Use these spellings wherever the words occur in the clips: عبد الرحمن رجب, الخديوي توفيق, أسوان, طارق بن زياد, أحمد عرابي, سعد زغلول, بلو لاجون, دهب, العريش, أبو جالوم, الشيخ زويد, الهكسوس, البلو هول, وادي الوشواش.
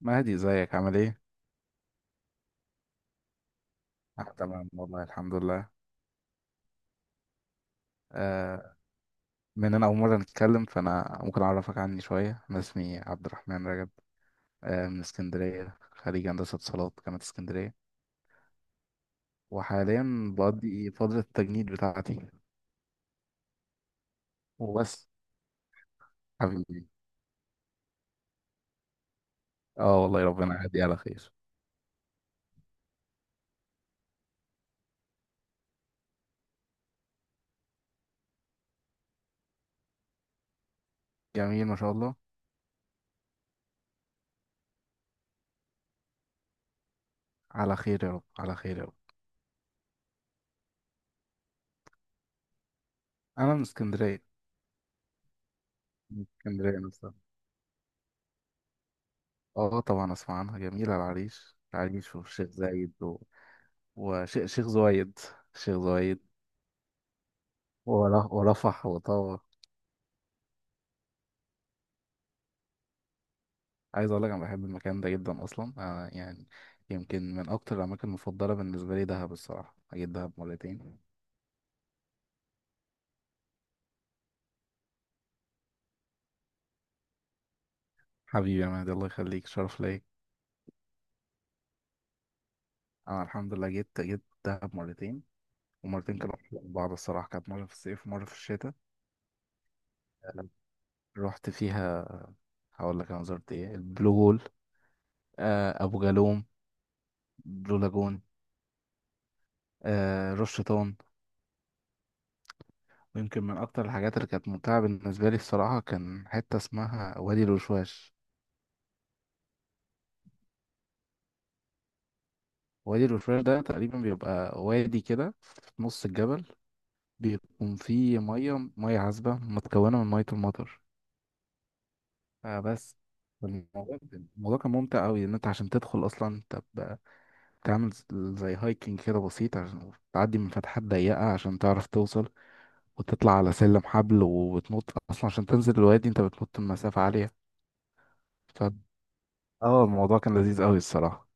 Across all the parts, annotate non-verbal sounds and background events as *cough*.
مهدي، ازيك عامل ايه؟ آه، تمام والله الحمد لله. آه، من انا اول مرة نتكلم فانا ممكن اعرفك عني شوية. انا اسمي عبد الرحمن رجب، آه، من اسكندرية، خريج هندسة اتصالات جامعة اسكندرية، وحاليا بقضي فترة التجنيد بتاعتي وبس. حبيبي، اه والله ربنا يعدي على خير. جميل ما شاء الله. على خير يا رب، على خير يا رب. انا من اسكندرية، من اسكندرية نفسها. اه طبعا اسمع عنها، جميلة العريش، العريش والشيخ زايد وشيخ زويد، الشيخ زويد، ورفح وطابة. عايز اقول لك انا بحب المكان ده جدا، اصلا أنا يعني يمكن من اكتر الاماكن المفضله بالنسبه لي دهب الصراحه. جيت دهب مرتين. حبيبي يا مهدي، الله يخليك، شرف ليا. انا الحمد لله جيت دهب مرتين، ومرتين كانوا أحلى من بعض الصراحه. كانت مره في الصيف ومره في الشتاء. أنا رحت فيها، هقول لك انا زرت ايه، البلو هول، آه ابو جالوم، بلو لاجون، آه رش شيطان. ويمكن من اكتر الحاجات اللي كانت ممتعه بالنسبه لي الصراحه كان حته اسمها وادي الوشواش. وادي الوشواش ده تقريبا بيبقى وادي كده في نص الجبل، بيكون فيه مية، مية عذبة متكونة من مية المطر. آه، بس الموضوع الموضوع كان ممتع أوي. إن أنت عشان تدخل أصلا أنت بتعمل ز- زي هايكنج كده بسيط، عشان تعدي من فتحات ضيقة عشان تعرف توصل، وتطلع على سلم حبل وتنط. أصلا عشان تنزل الوادي أنت بتنط من مسافة عالية. ف... اه الموضوع كان لذيذ أوي الصراحة.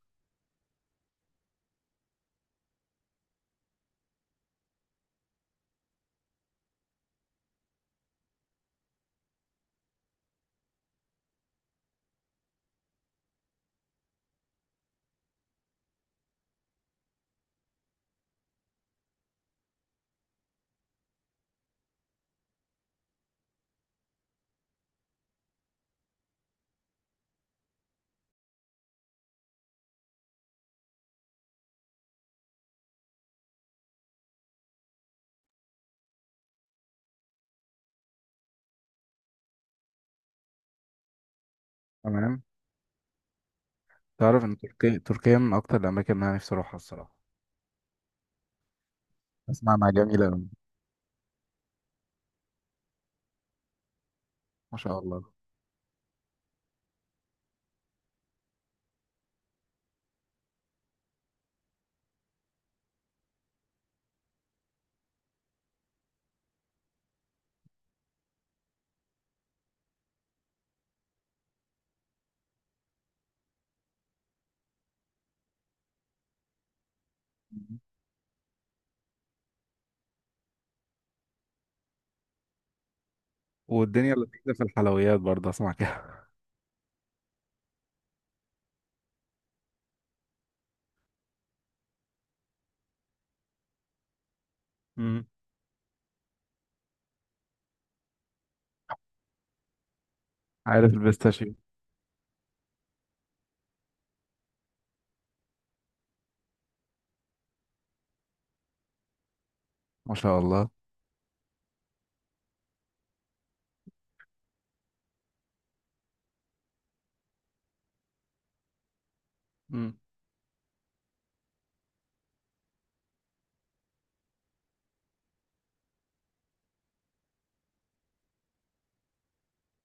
تمام. تعرف إن تركيا من أكتر الأماكن اللي أنا نفسي أروحها الصراحة؟ أسمع إنها جميلة أوي، ما شاء الله. والدنيا لذيذة في الحلويات برضه، اسمع كده. امم. *laughs* عارف البيستاشيو. ما شاء الله. امم.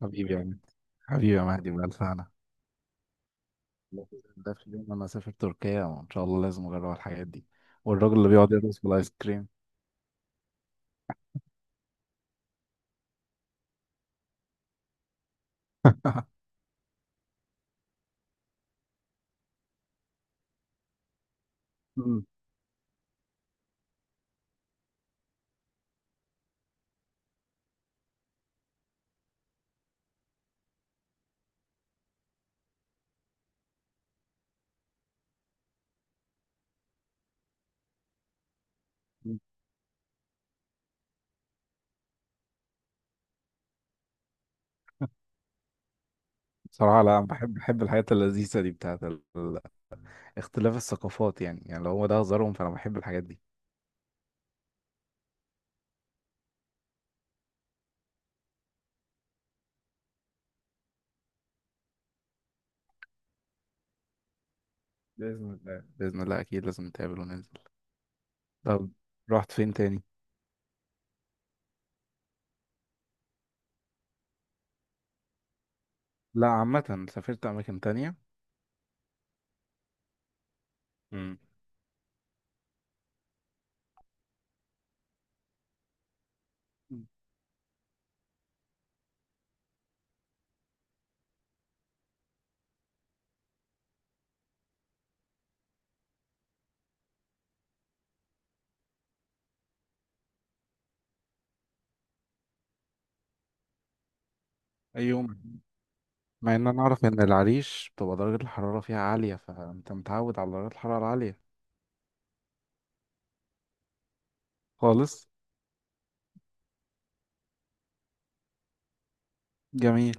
حبيبي يا مهدي، حبيبي يا مهدي، بألف هنا. *laughs* ده في يوم انا اسافر تركيا وان شاء الله لازم اجرب الحاجات دي. والراجل اللي بيقعد يدرس في الايس كريم. *laughs* امم. صراحة لا، أنا بحب الحاجات اللذيذة دي بتاعت اختلاف الثقافات. يعني يعني لو هو ده هزارهم فأنا بحب الحاجات دي. بإذن الله، بإذن الله، أكيد لازم نتقابل وننزل. طب رحت فين تاني؟ لا، عامة سافرت أماكن تانية. مم. مم. ايوه. مع ان انا اعرف ان العريش بتبقى درجة الحرارة فيها عالية، فانت متعود على درجات الحرارة العالية. خالص. جميل.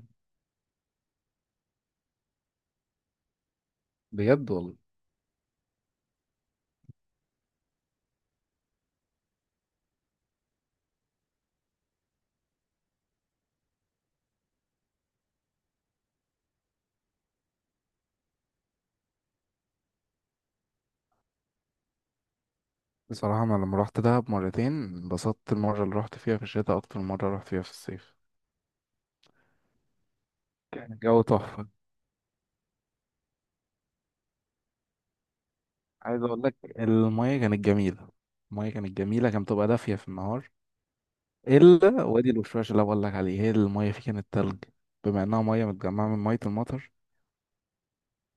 بجد والله. بصراحة انا لما رحت دهب مرتين انبسطت المرة اللي رحت فيها في الشتاء اكتر من مرة رحت فيها في الصيف. كان الجو تحفة. عايز اقول لك المية كانت جميلة. المية كانت جميلة، كانت بتبقى دافية في النهار. الا وادي الوشواش اللي أنا بقول لك عليه، هي المية فيه كانت تلج، بما انها مية متجمعة من مية المطر،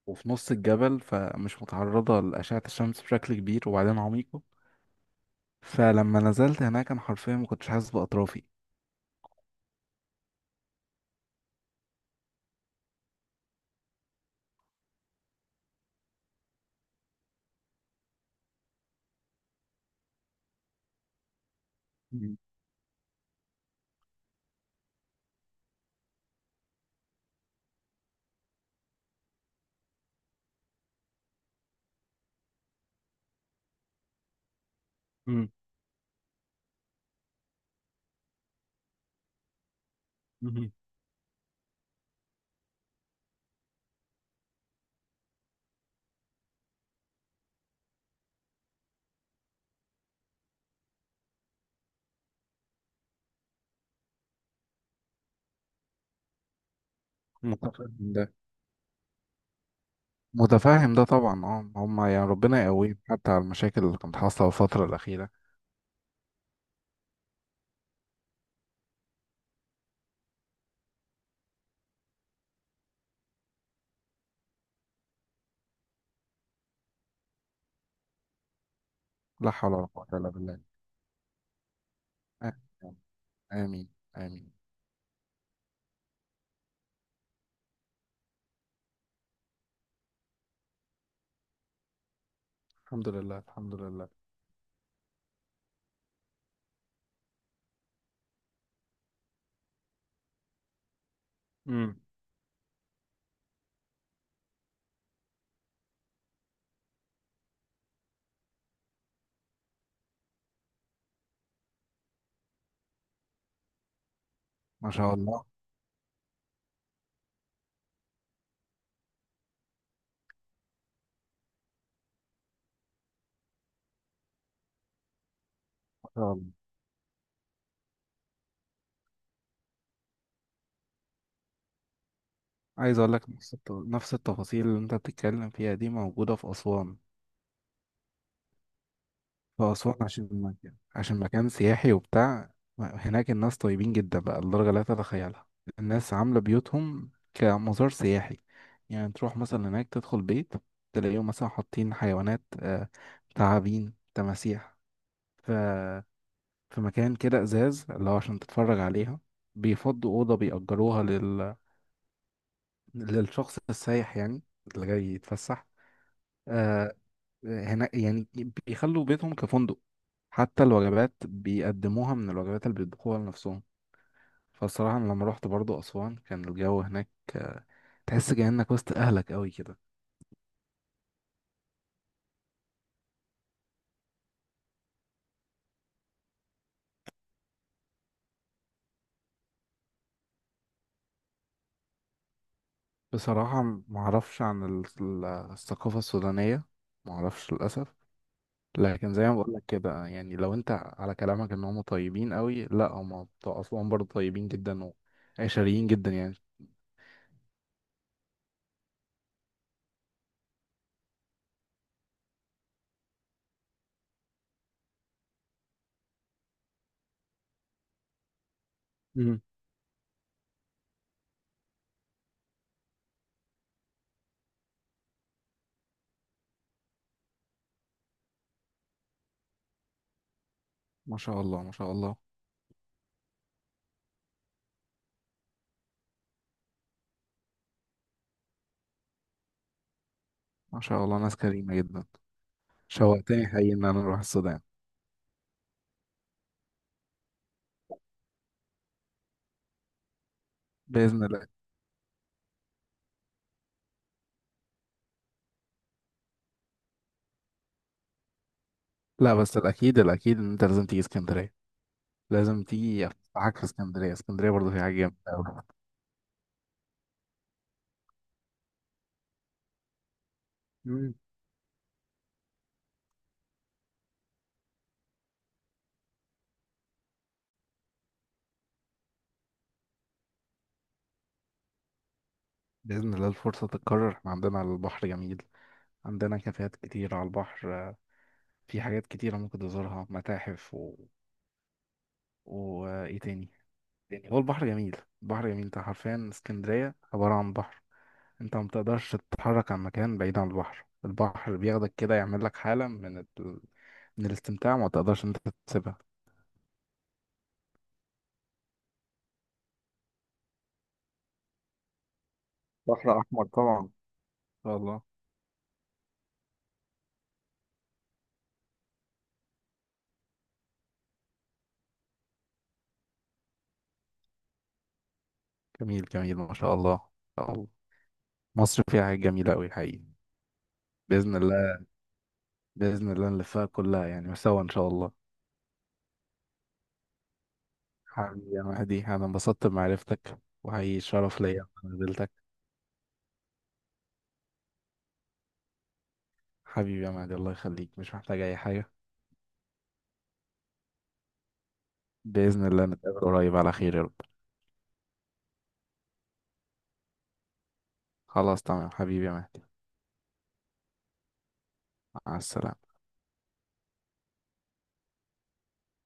وفي نص الجبل فمش متعرضة لأشعة الشمس بشكل كبير، وبعدين عميقة. فلما نزلت هناك أنا حرفيا ما كنتش حاسس بأطرافي. مم. مم. مم. متفهم ده. متفاهم ده طبعا. اه هما يعني ربنا يقويهم حتى على المشاكل اللي كانت حاصلة في الفترة الأخيرة. لا حول ولا قوة إلا بالله. آمين، آمين، آمين. الحمد لله، الحمد لله. مم. ما شاء الله، ما شاء الله. عايز أقول لك نفس التفاصيل اللي أنت بتتكلم فيها دي موجودة في أسوان. فأسوان عشان مكان سياحي وبتاع، هناك الناس طيبين جدا بقى لدرجة لا تتخيلها. الناس عاملة بيوتهم كمزار سياحي. يعني تروح مثلا هناك تدخل بيت، تلاقيهم مثلا حاطين حيوانات، آه، تعابين، تماسيح، ف... في مكان كده ازاز اللي هو عشان تتفرج عليها. بيفضوا أوضة بيأجروها للشخص السايح يعني، اللي جاي يتفسح. آه، هنا يعني بيخلوا بيتهم كفندق، حتى الوجبات بيقدموها من الوجبات اللي بيطبخوها لنفسهم. فالصراحة أنا لما روحت برضو أسوان كان الجو هناك، آه، تحس كأنك وسط أهلك أوي كده. بصراحة معرفش عن الثقافة السودانية، معرفش للأسف. لكن زي ما بقولك كده، يعني لو أنت على كلامك إن هم طيبين أوي، لأ هم بتوع أسوان برضو طيبين جدا وعشريين جدا يعني. مم. ما شاء الله، ما شاء الله. ما شاء الله ناس كريمة جدا. شوقتني حقيقي ان انا اروح السودان. باذن الله. لا بس الاكيد، الاكيد ان انت لازم تيجي اسكندريه. لازم تيجي افسحك في اسكندريه، اسكندريه برضه فيها حاجه جامده قوي. مم. باذن الله الفرصه تتكرر. احنا عندنا على البحر جميل، عندنا كافيهات كتير على البحر، في حاجات كتيره ممكن تزورها، متاحف وايه تاني، تاني هو البحر جميل. البحر جميل، انت حرفيا اسكندريه عباره عن بحر. انت ما بتقدرش تتحرك عن مكان بعيد عن البحر، البحر بياخدك كده، يعمل لك حاله من من الاستمتاع ما تقدرش انت تسيبها. بحر أحمر طبعا إن شاء الله. جميل، جميل، ما شاء الله. الله. مصر فيها حاجات جميلة أوي حقيقي. بإذن الله، بإذن الله نلفها كلها يعني سوا إن شاء الله. حبيبي يا مهدي، أنا انبسطت بمعرفتك، وحقيقي شرف ليا إن أنا قابلتك. حبيبي يا مهدي، الله يخليك، مش محتاج أي حاجة. بإذن الله نتقابل قريب على خير يا رب. خلاص تمام حبيبي يا مهدي، مع السلامة.